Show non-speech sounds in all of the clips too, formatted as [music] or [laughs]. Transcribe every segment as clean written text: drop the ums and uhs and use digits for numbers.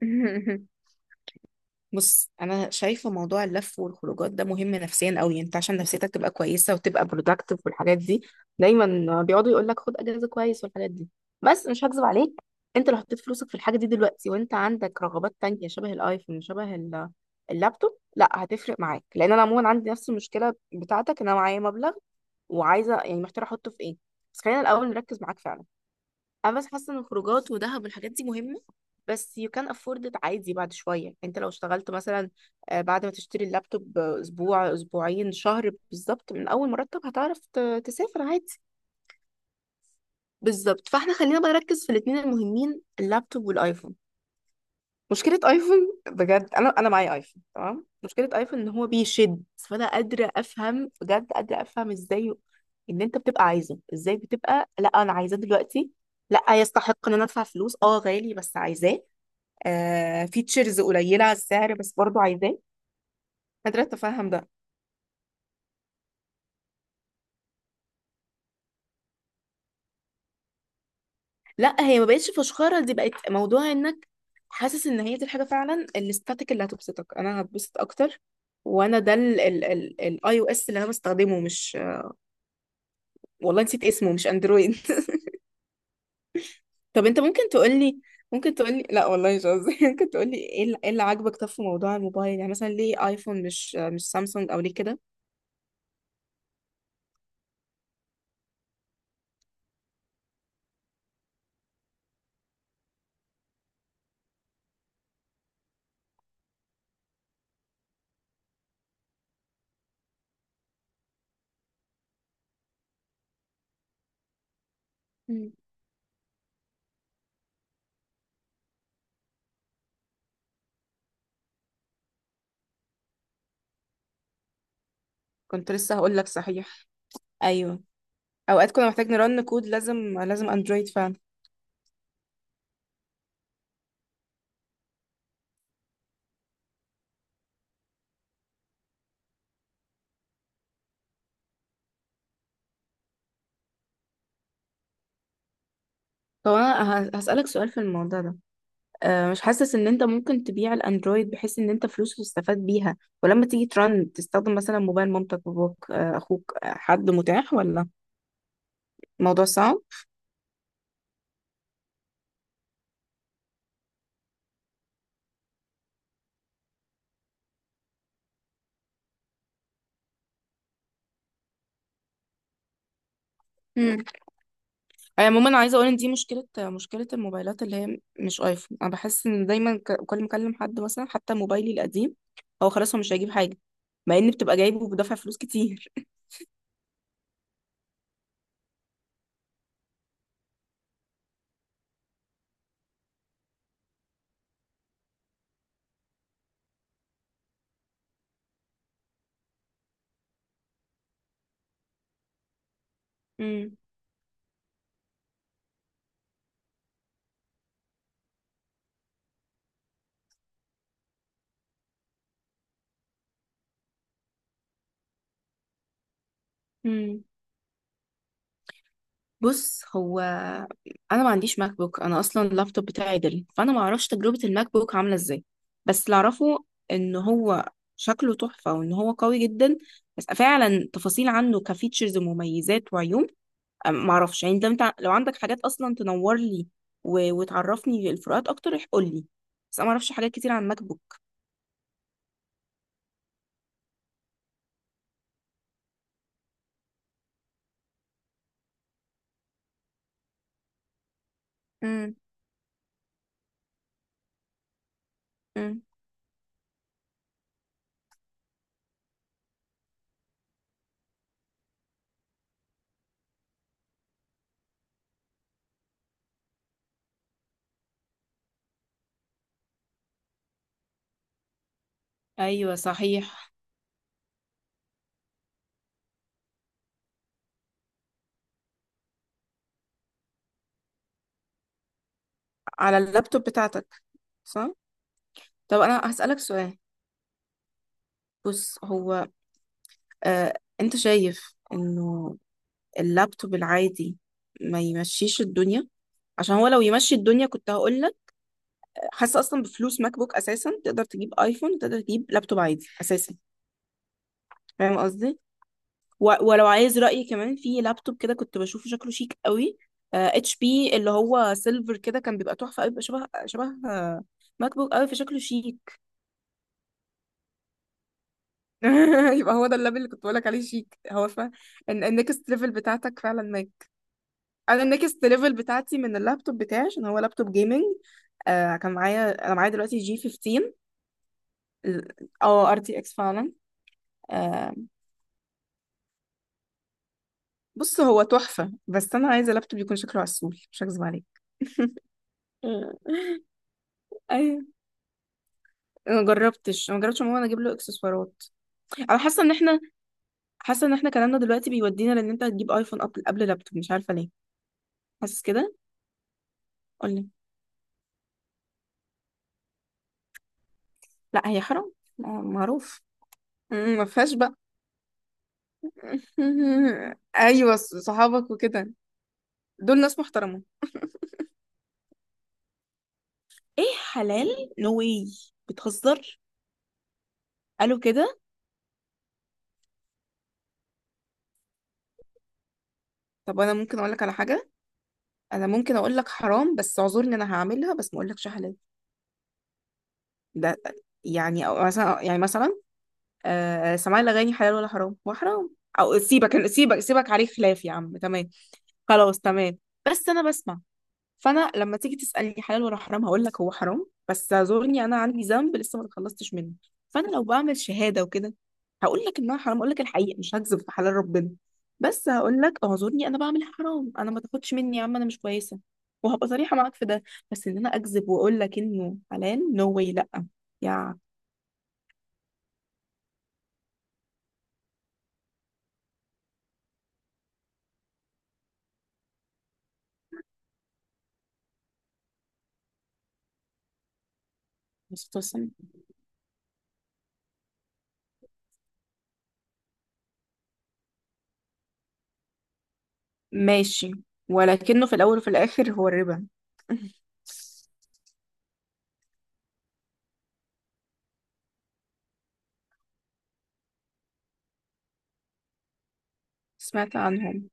[laughs] بص، انا شايفه موضوع اللف والخروجات ده مهم نفسيا قوي. انت عشان نفسيتك تبقى كويسه وتبقى productive والحاجات دي دايما بيقعدوا يقول لك خد اجازه كويس والحاجات دي. بس مش هكذب عليك، انت لو حطيت فلوسك في الحاجه دي دلوقتي وانت عندك رغبات تانية شبه الايفون شبه اللابتوب، لا هتفرق معاك. لان انا عموما عندي نفس المشكله بتاعتك، ان انا معايا مبلغ وعايزه، يعني محتاجه احطه في ايه. بس خلينا الاول نركز معاك فعلا. انا بس حاسه ان الخروجات ودهب والحاجات دي مهمه، بس you can afford it عادي بعد شويه. يعني انت لو اشتغلت مثلا، بعد ما تشتري اللابتوب، اسبوع اسبوعين شهر بالظبط من اول مرتب هتعرف تسافر عادي. بالظبط، فاحنا خلينا بقى نركز في الاثنين المهمين، اللابتوب والايفون. مشكلة ايفون، بجد انا معايا ايفون تمام. مشكلة ايفون ان هو بيشد، فانا قادرة افهم، بجد قادرة افهم ازاي ان انت بتبقى عايزه، ازاي بتبقى لا انا عايزاه دلوقتي، لا يستحق ان انا ادفع فلوس، اه غالي بس عايزاه. فيتشرز قليلة على السعر بس برضو عايزاه. قادرة اتفهم ده. لا، هي ما بقتش فشخرة، دي بقت موضوع انك حاسس ان هي دي الحاجة فعلا، الاستاتيك اللي هتبسطك، انا هتبسط اكتر. وانا ده الاي او اس اللي انا بستخدمه، مش... والله نسيت اسمه، مش اندرويد. [laughs] طب انت ممكن تقولي، ممكن تقولي، لا والله مش قصدي، [laughs] ممكن تقولي إيه اللي عاجبك؟ طب في موضوع الموبايل، يعني مثلا ليه ايفون مش سامسونج او ليه كده؟ مم. كنت لسه هقول لك صحيح. ايوه، اوقات كنا محتاج نرن كود، لازم لازم اندرويد فعلا. طب انا هسألك سؤال في الموضوع ده. مش حاسس ان انت ممكن تبيع الاندرويد بحيث ان انت فلوس تستفاد بيها، ولما تيجي ترن تستخدم مثلا موبايل مامتك، باباك، اخوك، حد متاح، ولا الموضوع صعب؟ عموما عايزه اقول ان دي مشكله، مشكله الموبايلات اللي هي مش ايفون. انا بحس ان دايما كل ما اكلم حد مثلا حتى موبايلي القديم، هو خلاص هو مش هيجيب حاجه، مع ان بتبقى جايبه بدفع فلوس كتير. امم امم بص هو، انا ما عنديش ماك بوك، انا اصلا اللابتوب بتاعي ديل، فانا ما اعرفش تجربه الماك بوك عامله ازاي. بس اللي اعرفه ان هو شكله تحفه وان هو قوي جدا، بس فعلا تفاصيل عنه كفيتشرز ومميزات وعيوب معرفش. يعني لو انت، لو عندك حاجات اصلا تنور لي و... وتعرفني الفروقات اكتر، قول لي. بس انا معرفش حاجات كتير عن ماك بوك. امم امم ايوه صحيح. على اللابتوب بتاعتك، صح. طب انا هسألك سؤال. بص هو، انت شايف انه اللابتوب العادي ما يمشيش الدنيا؟ عشان هو لو يمشي الدنيا كنت هقول لك، حاسه اصلا بفلوس ماك بوك اساسا تقدر تجيب ايفون، تقدر تجيب لابتوب عادي اساسا. فاهم قصدي؟ و- ولو عايز رأيي كمان في لابتوب كده، كنت بشوفه شكله شيك قوي. اتش بي اللي هو سيلفر كده، كان بيبقى تحفة قوي، بيبقى شبه شبه ماك بوك قوي، فشكله شيك. [laughs] يبقى هو ده الليفل اللي كنت بقولك عليه، شيك، هو فاهم. ان النكست ليفل بتاعتك فعلا ماك. انا النكست ليفل بتاعتي من اللابتوب بتاعي، عشان هو لابتوب جيمنج. كان معايا، انا معايا دلوقتي جي 15. اه، ار تي اكس فعلا. آه بص هو تحفة، بس انا عايزة لابتوب يكون شكله عسول، مش هكذب عليك. [laughs] ايوه. انا ما جربتش، أنا ما جربتش عموما اجيب له اكسسوارات. انا حاسه ان احنا، حاسه ان احنا كلامنا دلوقتي بيودينا، لان انت هتجيب ايفون قبل لابتوب، مش عارفه ليه. حاسس كده. قولي. لا، هي حرام. لا، معروف. مم، ما فيهاش بقى. [laughs] ايوه، صحابك وكده. دول ناس محترمه. ايه، حلال؟ نو واي. بتهزر. قالوا كده. طب انا ممكن اقول لك على حاجه. انا ممكن اقول لك حرام بس اعذرني انا هعملها، بس ما اقولكش حلال. ده يعني، أو مثلا، يعني مثلا، سماع الأغاني حلال ولا حرام؟ وحرام. أو سيبك سيبك سيبك، عليه خلاف يا عم، تمام. خلاص تمام. بس أنا بسمع. فأنا لما تيجي تسألني حلال ولا حرام، هقول لك هو حرام، بس اعذرني أنا عندي ذنب لسه ما اتخلصتش منه. فأنا لو بعمل شهادة وكده، هقول لك إنها حرام، أقول لك الحقيقة، مش هكذب في حلال ربنا. بس هقول لك اعذرني، أنا بعمل حرام، أنا ما تاخدش مني يا عم، أنا مش كويسة. وهبقى صريحة معاك في ده. بس إن أنا أكذب وأقول لك إنه حلال، نو no واي، لأ. يا ماشي. ولكنه في الأول وفي الآخر هو الربا. سمعت عنهم.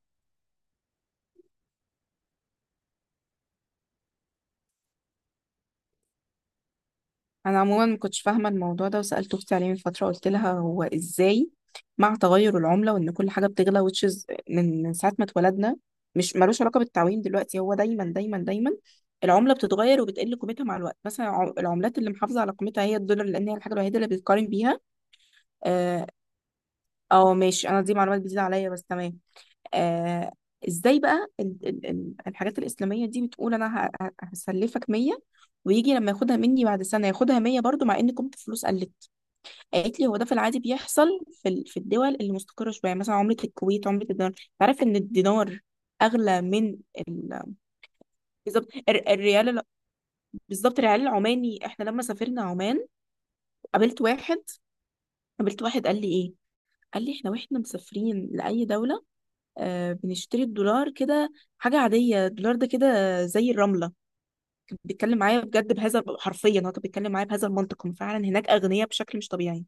أنا عموما ما كنتش فاهمة الموضوع ده، وسألت أختي عليه من فترة، قلت لها هو إزاي مع تغير العملة وإن كل حاجة بتغلى، which is من ساعة ما اتولدنا، مش ملوش علاقة بالتعويم دلوقتي، هو دايما دايما دايما العملة بتتغير وبتقل قيمتها مع الوقت. مثلا العملات اللي محافظة على قيمتها هي الدولار، لأن هي الحاجة الوحيدة اللي بتقارن بيها. اه. ماشي، أنا دي معلومات جديدة عليا، بس تمام. آه ازاي بقى ال ال ال الحاجات الإسلامية دي بتقول، أنا هسلفك 100 ويجي لما ياخدها مني بعد سنة ياخدها 100 برضو، مع إن كنت فلوس قلت؟ قالت لي هو ده في العادي بيحصل في ال، في الدول اللي مستقرة شوية، يعني مثلا عملة الكويت، عملة الدينار. تعرف إن الدينار أغلى من ال... بالظبط، الريال بالظبط الريال العماني. إحنا لما سافرنا عمان، قابلت واحد، قال لي إيه، قال لي إحنا وإحنا مسافرين لأي دولة، بنشتري الدولار كده، حاجة عادية، الدولار ده كده زي الرملة. كان بيتكلم معايا بجد، بهذا حرفيا هو كان بيتكلم معايا بهذا المنطق. هم فعلا هناك أغنياء بشكل مش طبيعي.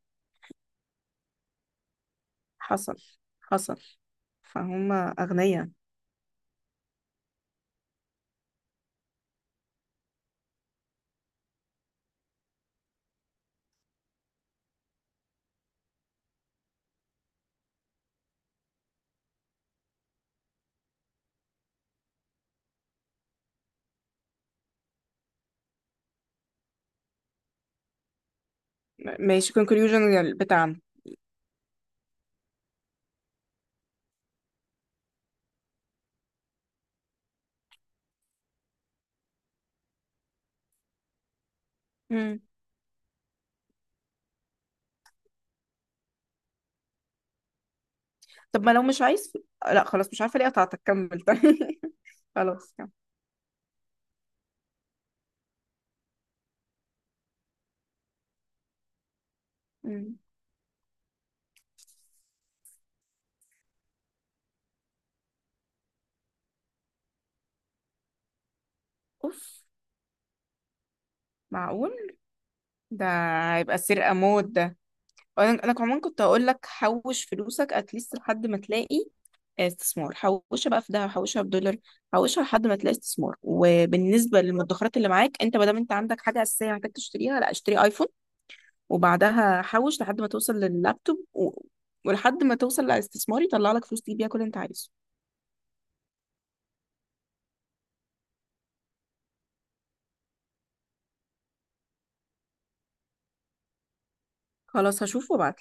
حصل، حصل. فهم أغنياء. ماشي، conclusion بتاعنا. مم. طب ما لو مش عايز، لا خلاص، مش عارفة ليه قطعتك، كمل طيب. [laughs] خلاص كمل. مم. أوف، معقول. ده هيبقى سرقة موت ده. انا كمان كنت هقول لك حوش فلوسك اتليست لحد ما تلاقي استثمار. حوشها بقى في دهب، حوشها في دولار، حوشها لحد ما تلاقي استثمار. وبالنسبه للمدخرات اللي معاك انت، ما دام انت عندك حاجه اساسيه محتاج تشتريها، لا اشتري ايفون وبعدها حوش لحد ما توصل لللابتوب و... ولحد ما توصل لاستثمار يطلع لك فلوس تجيب بيها كل اللي انت عايزه. خلاص هشوف وابعت.